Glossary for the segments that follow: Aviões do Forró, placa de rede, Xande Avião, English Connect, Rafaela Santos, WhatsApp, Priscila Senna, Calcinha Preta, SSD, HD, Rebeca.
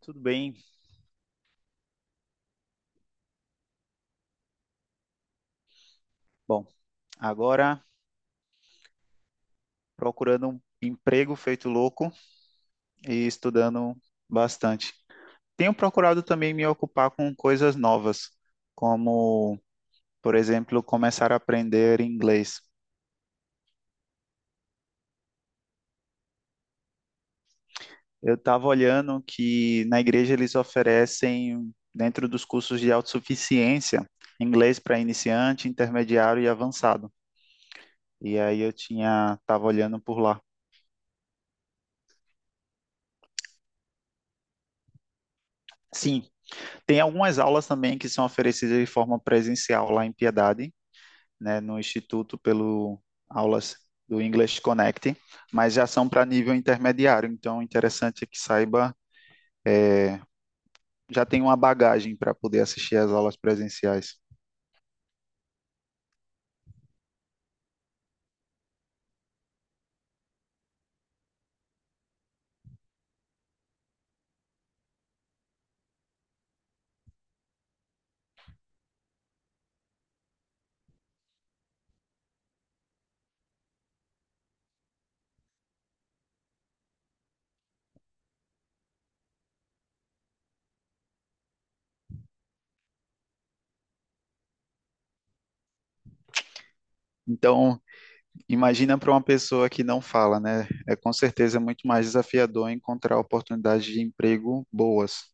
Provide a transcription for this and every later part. Tudo bem. Bom, agora procurando um emprego feito louco e estudando bastante. Tenho procurado também me ocupar com coisas novas, como, por exemplo, começar a aprender inglês. Eu estava olhando que na igreja eles oferecem, dentro dos cursos de autossuficiência, inglês para iniciante, intermediário e avançado. E aí estava olhando por lá. Sim, tem algumas aulas também que são oferecidas de forma presencial lá em Piedade, né, no Instituto pelo aulas do English Connect, mas já são para nível intermediário, então o interessante é que saiba, já tem uma bagagem para poder assistir às aulas presenciais. Então, imagina para uma pessoa que não fala, né? É, com certeza é muito mais desafiador encontrar oportunidades de emprego boas.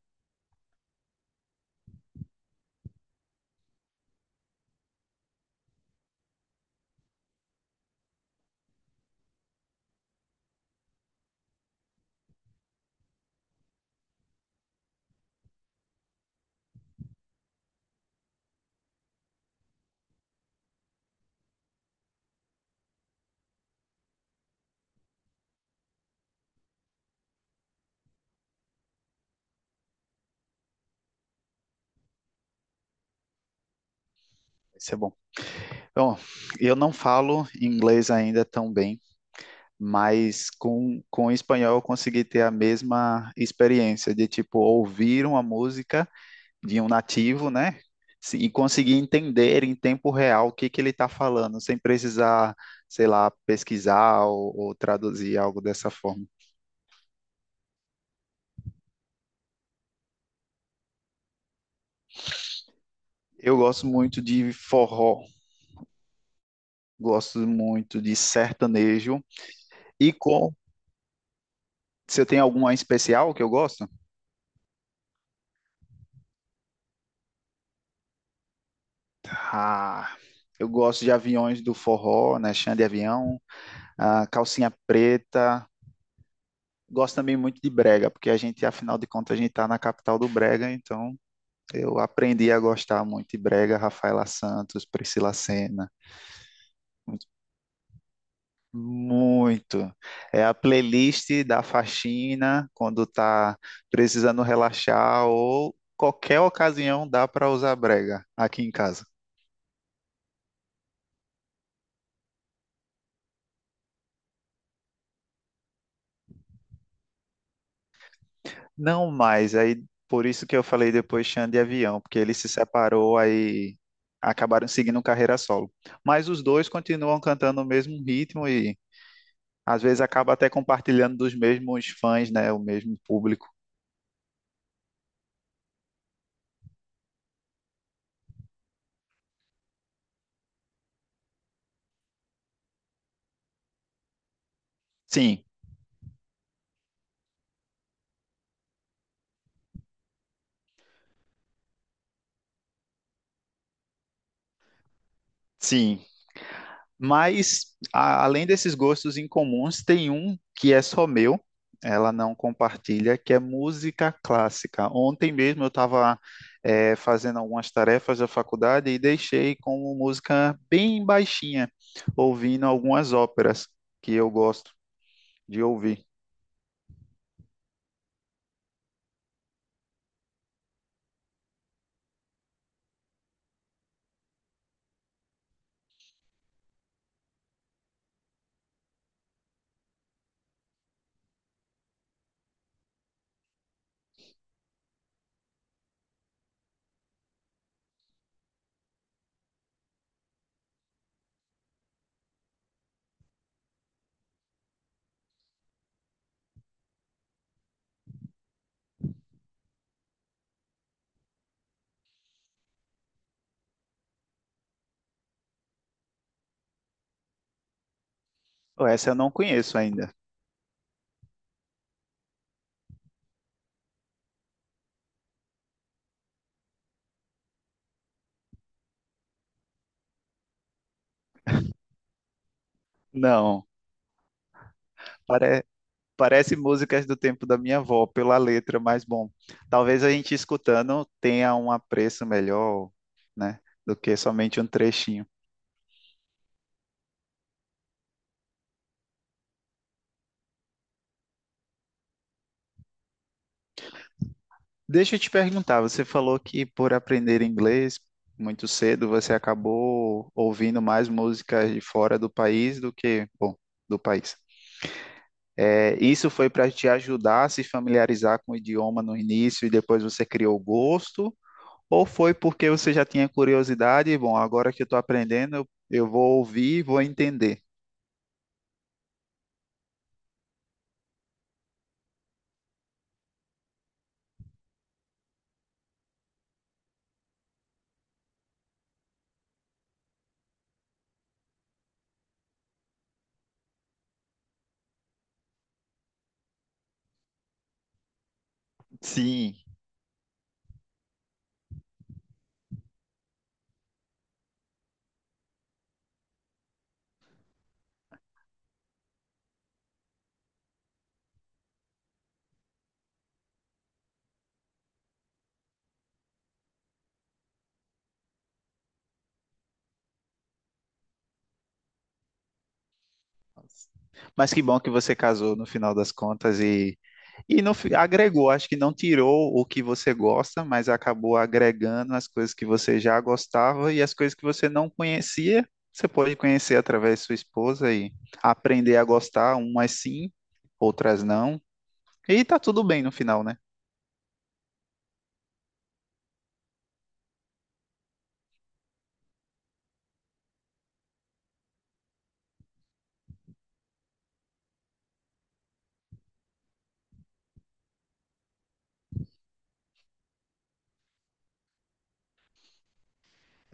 Isso é bom. Então, eu não falo inglês ainda tão bem, mas com o espanhol eu consegui ter a mesma experiência de tipo ouvir uma música de um nativo, né? E conseguir entender em tempo real o que que ele está falando, sem precisar, sei lá, pesquisar ou traduzir algo dessa forma. Eu gosto muito de forró, gosto muito de sertanejo. E com, Você tem alguma especial que eu gosto? Ah, eu gosto de Aviões do Forró, né? Xande Avião, ah, Calcinha Preta, gosto também muito de brega, porque a gente, afinal de contas, a gente está na capital do brega, então eu aprendi a gostar muito de brega, Rafaela Santos, Priscila Senna, muito, muito. É a playlist da faxina quando tá precisando relaxar, ou qualquer ocasião dá para usar brega aqui em casa. Não mais, aí por isso que eu falei depois Xande e Avião, porque ele se separou, aí acabaram seguindo carreira solo. Mas os dois continuam cantando o mesmo ritmo e às vezes acaba até compartilhando dos mesmos fãs, né? O mesmo público. Sim, sim. Mas, além desses gostos incomuns, tem um que é só meu, ela não compartilha, que é música clássica. Ontem mesmo eu estava fazendo algumas tarefas da faculdade e deixei com música bem baixinha, ouvindo algumas óperas que eu gosto de ouvir. Essa eu não conheço ainda. Não, pare. Parece músicas do tempo da minha avó, pela letra, mas bom, talvez a gente escutando tenha um apreço melhor, né, do que somente um trechinho. Deixa eu te perguntar, você falou que por aprender inglês muito cedo, você acabou ouvindo mais músicas de fora do país do que, bom, do país. É, isso foi para te ajudar a se familiarizar com o idioma no início e depois você criou gosto? Ou foi porque você já tinha curiosidade e, bom, agora que eu estou aprendendo, eu vou ouvir e vou entender. Sim. Mas que bom que você casou no final das contas e no, fi- agregou. Acho que não tirou o que você gosta, mas acabou agregando as coisas que você já gostava e as coisas que você não conhecia. Você pode conhecer através de sua esposa e aprender a gostar, umas sim, outras não. E tá tudo bem no final, né?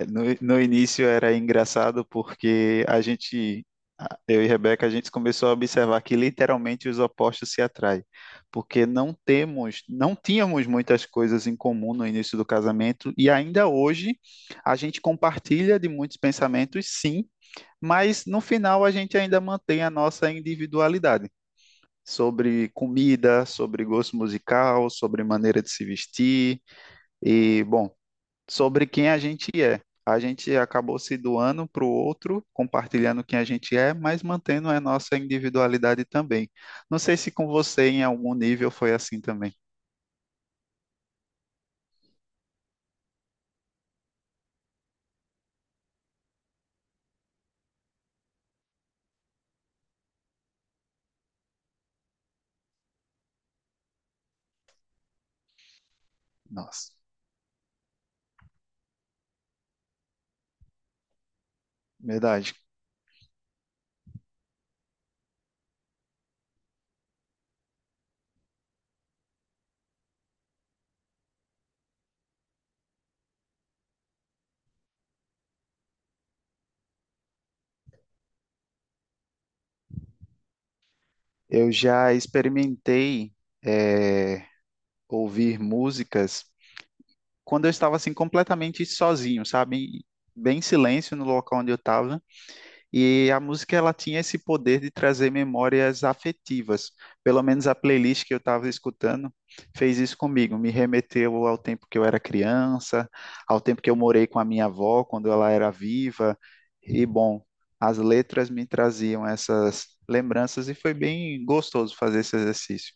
No início era engraçado porque eu e Rebeca, a gente começou a observar que literalmente os opostos se atraem, porque não tínhamos muitas coisas em comum no início do casamento e ainda hoje a gente compartilha de muitos pensamentos, sim, mas no final a gente ainda mantém a nossa individualidade. Sobre comida, sobre gosto musical, sobre maneira de se vestir. E, bom, sobre quem a gente é. A gente acabou se doando para o outro, compartilhando quem a gente é, mas mantendo a nossa individualidade também. Não sei se com você, em algum nível, foi assim também. Nossa, verdade. Eu já experimentei eh, ouvir músicas quando eu estava assim completamente sozinho, sabe? Bem em silêncio no local onde eu estava. E a música ela tinha esse poder de trazer memórias afetivas. Pelo menos a playlist que eu estava escutando fez isso comigo, me remeteu ao tempo que eu era criança, ao tempo que eu morei com a minha avó quando ela era viva. E bom, as letras me traziam essas lembranças e foi bem gostoso fazer esse exercício.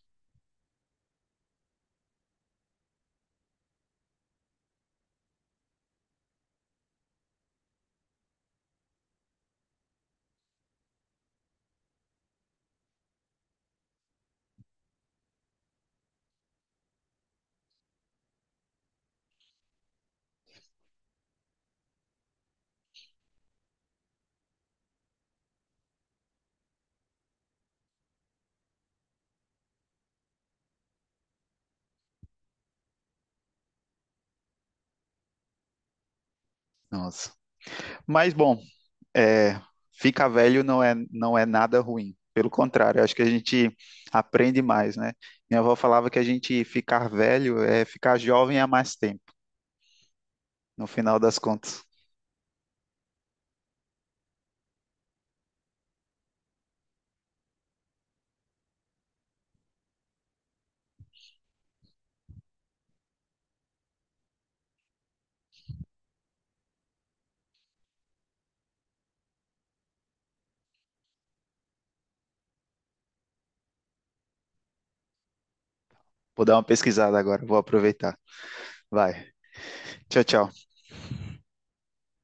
Nossa. Mas bom, é, ficar velho não é nada ruim. Pelo contrário, acho que a gente aprende mais, né? Minha avó falava que a gente ficar velho é ficar jovem há mais tempo, no final das contas. Vou dar uma pesquisada agora, vou aproveitar. Vai. Tchau, tchau.